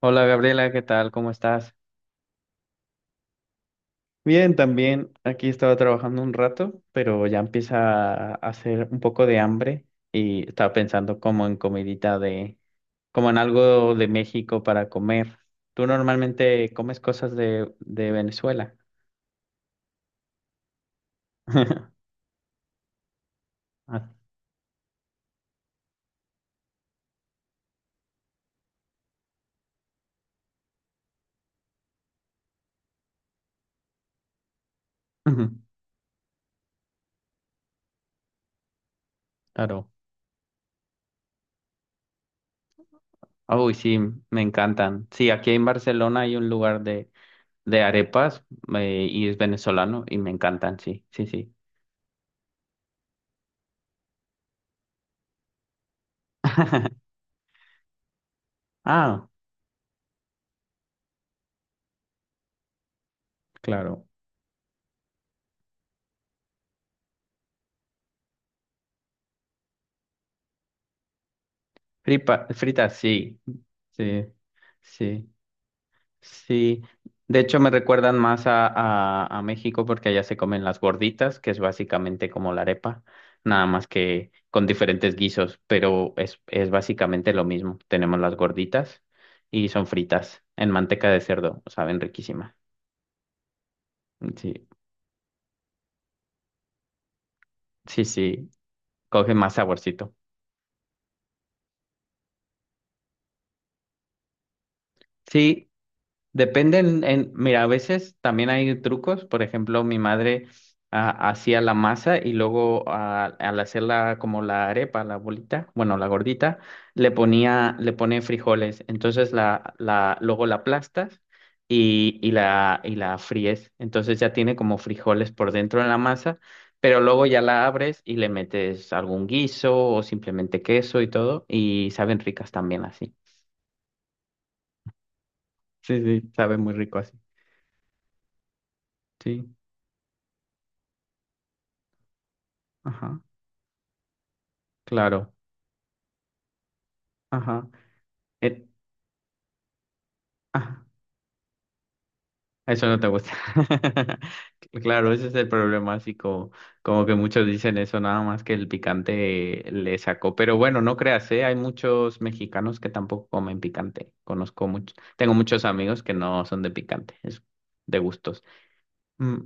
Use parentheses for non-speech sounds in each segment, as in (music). Hola Gabriela, ¿qué tal? ¿Cómo estás? Bien, también aquí estaba trabajando un rato, pero ya empieza a hacer un poco de hambre y estaba pensando como en comidita como en algo de México para comer. ¿Tú normalmente comes cosas de Venezuela? (laughs) Ah, ujú, Claro. Uy, sí, me encantan. Sí, aquí en Barcelona hay un lugar de arepas y es venezolano y me encantan, sí, sí, sí. (laughs) Ah, claro. Fripa, fritas, sí, sí, sí, sí. De hecho, me recuerdan más a México porque allá se comen las gorditas, que es básicamente como la arepa, nada más que con diferentes guisos, pero es básicamente lo mismo. Tenemos las gorditas y son fritas en manteca de cerdo, saben riquísimas. Sí, sí, sí, coge más saborcito. Sí, Depende en, mira, a veces también hay trucos. Por ejemplo, mi madre hacía la masa y luego al hacerla como la arepa, la bolita, bueno, la gordita, le ponía, le pone frijoles. Entonces luego la aplastas y, y la fríes. Entonces ya tiene como frijoles por dentro en la masa, pero luego ya la abres y le metes algún guiso o simplemente queso y todo, y saben ricas también así. Sí, sí, sabe muy rico así. Sí. Ajá. Claro, ajá. Eh, ah, eso no te gusta. (laughs) Claro, ese es el problema, así como, como que muchos dicen eso, nada más que el picante le sacó. Pero bueno, no creas, ¿eh? Hay muchos mexicanos que tampoco comen picante. Conozco mucho, tengo muchos amigos que no son de picante, es de gustos. Mm,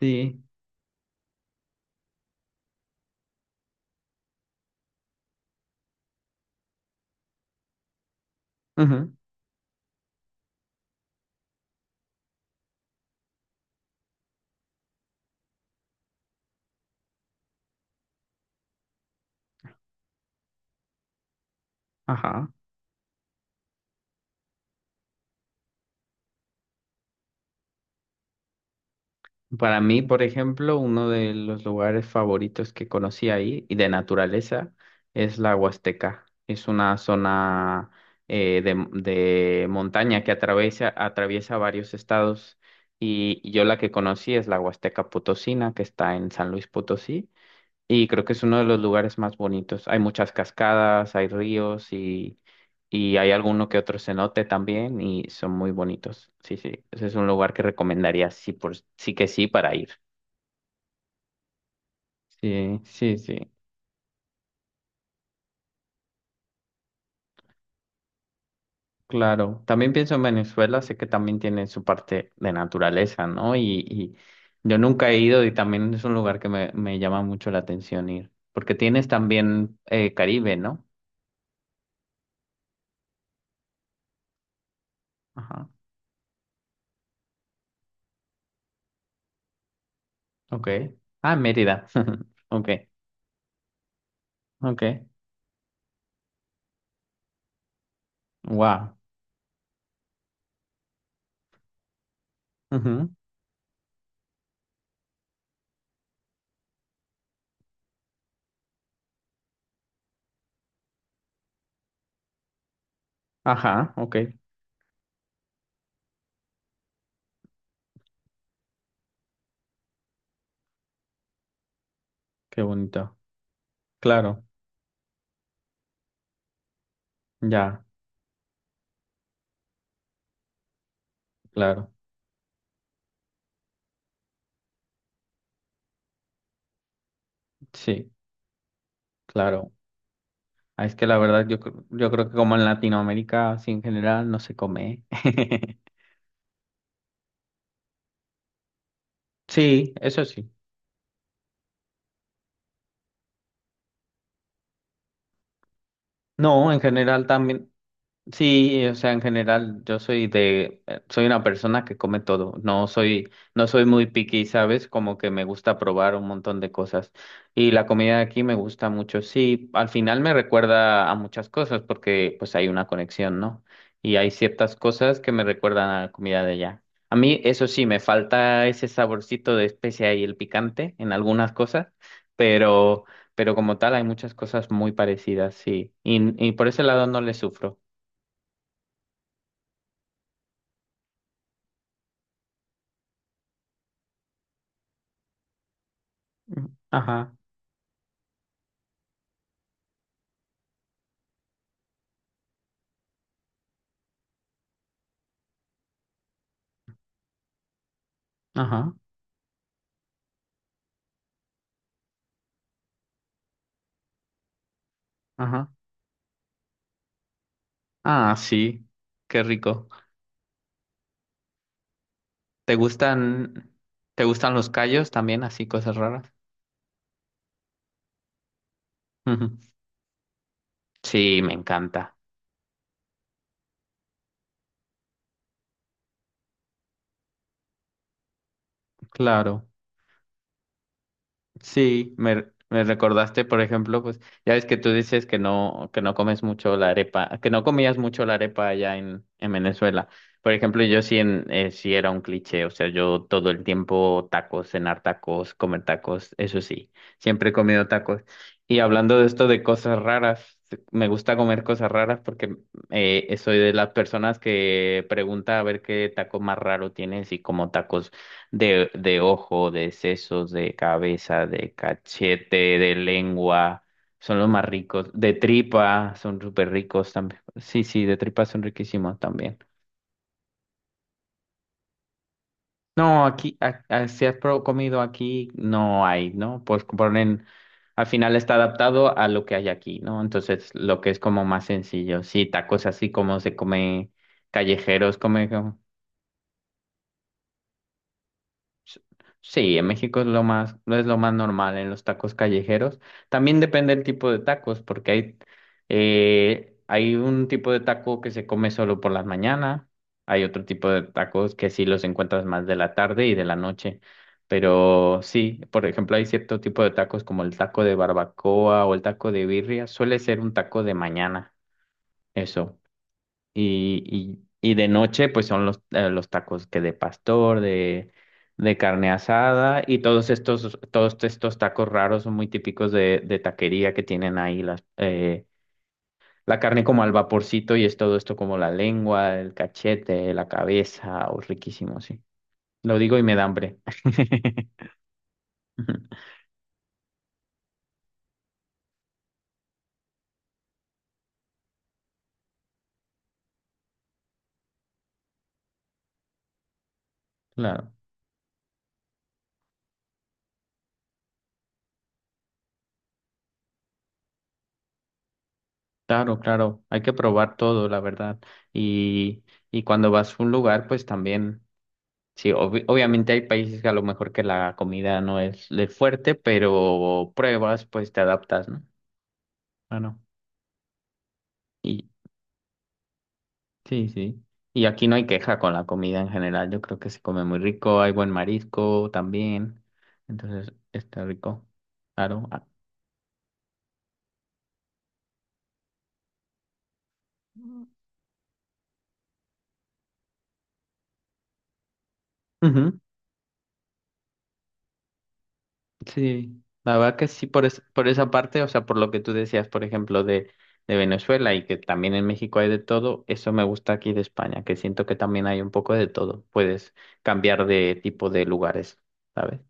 sí, ujú, Ajá. Para mí, por ejemplo, uno de los lugares favoritos que conocí ahí y de naturaleza es la Huasteca. Es una zona de montaña que atraviesa, atraviesa varios estados y yo la que conocí es la Huasteca Potosina, que está en San Luis Potosí. Y creo que es uno de los lugares más bonitos. Hay muchas cascadas, hay ríos y hay alguno que otro cenote también y son muy bonitos. Sí, sí. Ese es un lugar que recomendaría sí por sí que sí para ir. Sí, sí, sí. Claro. También pienso en Venezuela, sé que también tiene su parte de naturaleza, ¿no? Y yo nunca he ido y también es un lugar que me llama mucho la atención ir. Porque tienes también Caribe, ¿no? Ajá. Ok. Ah, Mérida. (laughs) Ok. Ok. Wow. Ajá, ok, qué bonito. Claro, ya, claro, sí, claro. Ah, Es que la verdad yo, yo creo que como en Latinoamérica, así en general, no se come. (laughs) Sí, eso sí. No, en general también. Sí, o sea, en general, yo soy soy una persona que come todo. No soy muy picky, ¿sabes? Como que me gusta probar un montón de cosas. Y la comida de aquí me gusta mucho. Sí, al final me recuerda a muchas cosas porque pues hay una conexión, ¿no? Y hay ciertas cosas que me recuerdan a la comida de allá. A mí, eso sí, me falta ese saborcito de especia y el picante en algunas cosas, pero, pero como tal hay muchas cosas muy parecidas, sí. Y por ese lado no le sufro. Ujú. Ajá, ajá, ajá. Ah, sí, qué rico. ¿Te gustan, te gustan los callos también, así cosas raras? Ujú. Sí, me encanta. Claro. Sí, me recordaste, por ejemplo, pues ya ves que tú dices que no comes mucho la arepa, que no comías mucho la arepa allá en Venezuela. Por ejemplo, yo sí, sí era un cliché, o sea, yo todo el tiempo tacos, cenar tacos, comer tacos, eso sí, siempre he comido tacos. Y hablando de esto de cosas raras, me gusta comer cosas raras porque soy de las personas que pregunta a ver qué taco más raro tienes y como tacos de ojo, de sesos, de cabeza, de cachete, de lengua, son los más ricos. De tripa, son súper ricos también. Sí, sí, de tripa son riquísimos también. No, aquí, si has comido aquí, no hay, ¿no? Pues ponen, al final está adaptado a lo que hay aquí, ¿no? Entonces, lo que es como más sencillo. Sí, tacos así como se come callejeros, come. S- Sí, en México es lo más, no es lo más normal en los tacos callejeros. También depende del tipo de tacos, porque hay, hay un tipo de taco que se come solo por las mañanas, hay otro tipo de tacos que sí los encuentras más de la tarde y de la noche. Pero sí, por ejemplo, hay cierto tipo de tacos como el taco de barbacoa o el taco de birria, suele ser un taco de mañana, eso. Y, y de noche, pues son los tacos que de pastor, de carne asada y todos estos tacos raros son muy típicos de taquería que tienen ahí las, la carne como al vaporcito y es todo esto como la lengua, el cachete, la cabeza, o riquísimo, sí. Lo digo y me da hambre. (laughs) Claro, claro, claro. Hay que probar todo, la verdad. Y, y cuando vas a un lugar, pues también. Sí, obviamente hay países que a lo mejor que la comida no es el fuerte, pero pruebas, pues te adaptas, ¿no? Bueno, Y sí, sí. Y aquí no hay queja con la comida en general. Yo creo que se come muy rico, hay buen marisco también. Entonces, está rico. Claro. Ah, ujú. Sí, la verdad que sí, por, por esa parte, o sea, por lo que tú decías, por ejemplo, de Venezuela y que también en México hay de todo, eso me gusta aquí de España, que siento que también hay un poco de todo, puedes cambiar de tipo de lugares, ¿sabes?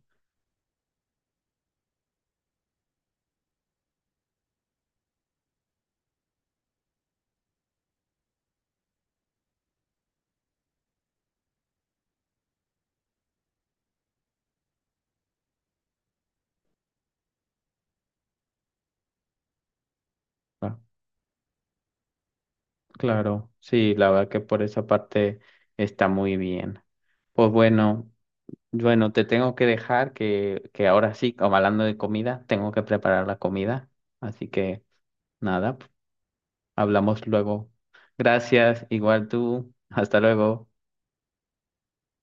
Ah, claro, sí, la verdad que por esa parte está muy bien. Pues bueno, bueno, te tengo que dejar que ahora sí, como hablando de comida, tengo que preparar la comida, así que nada. Hablamos luego. Gracias, igual tú. Hasta luego.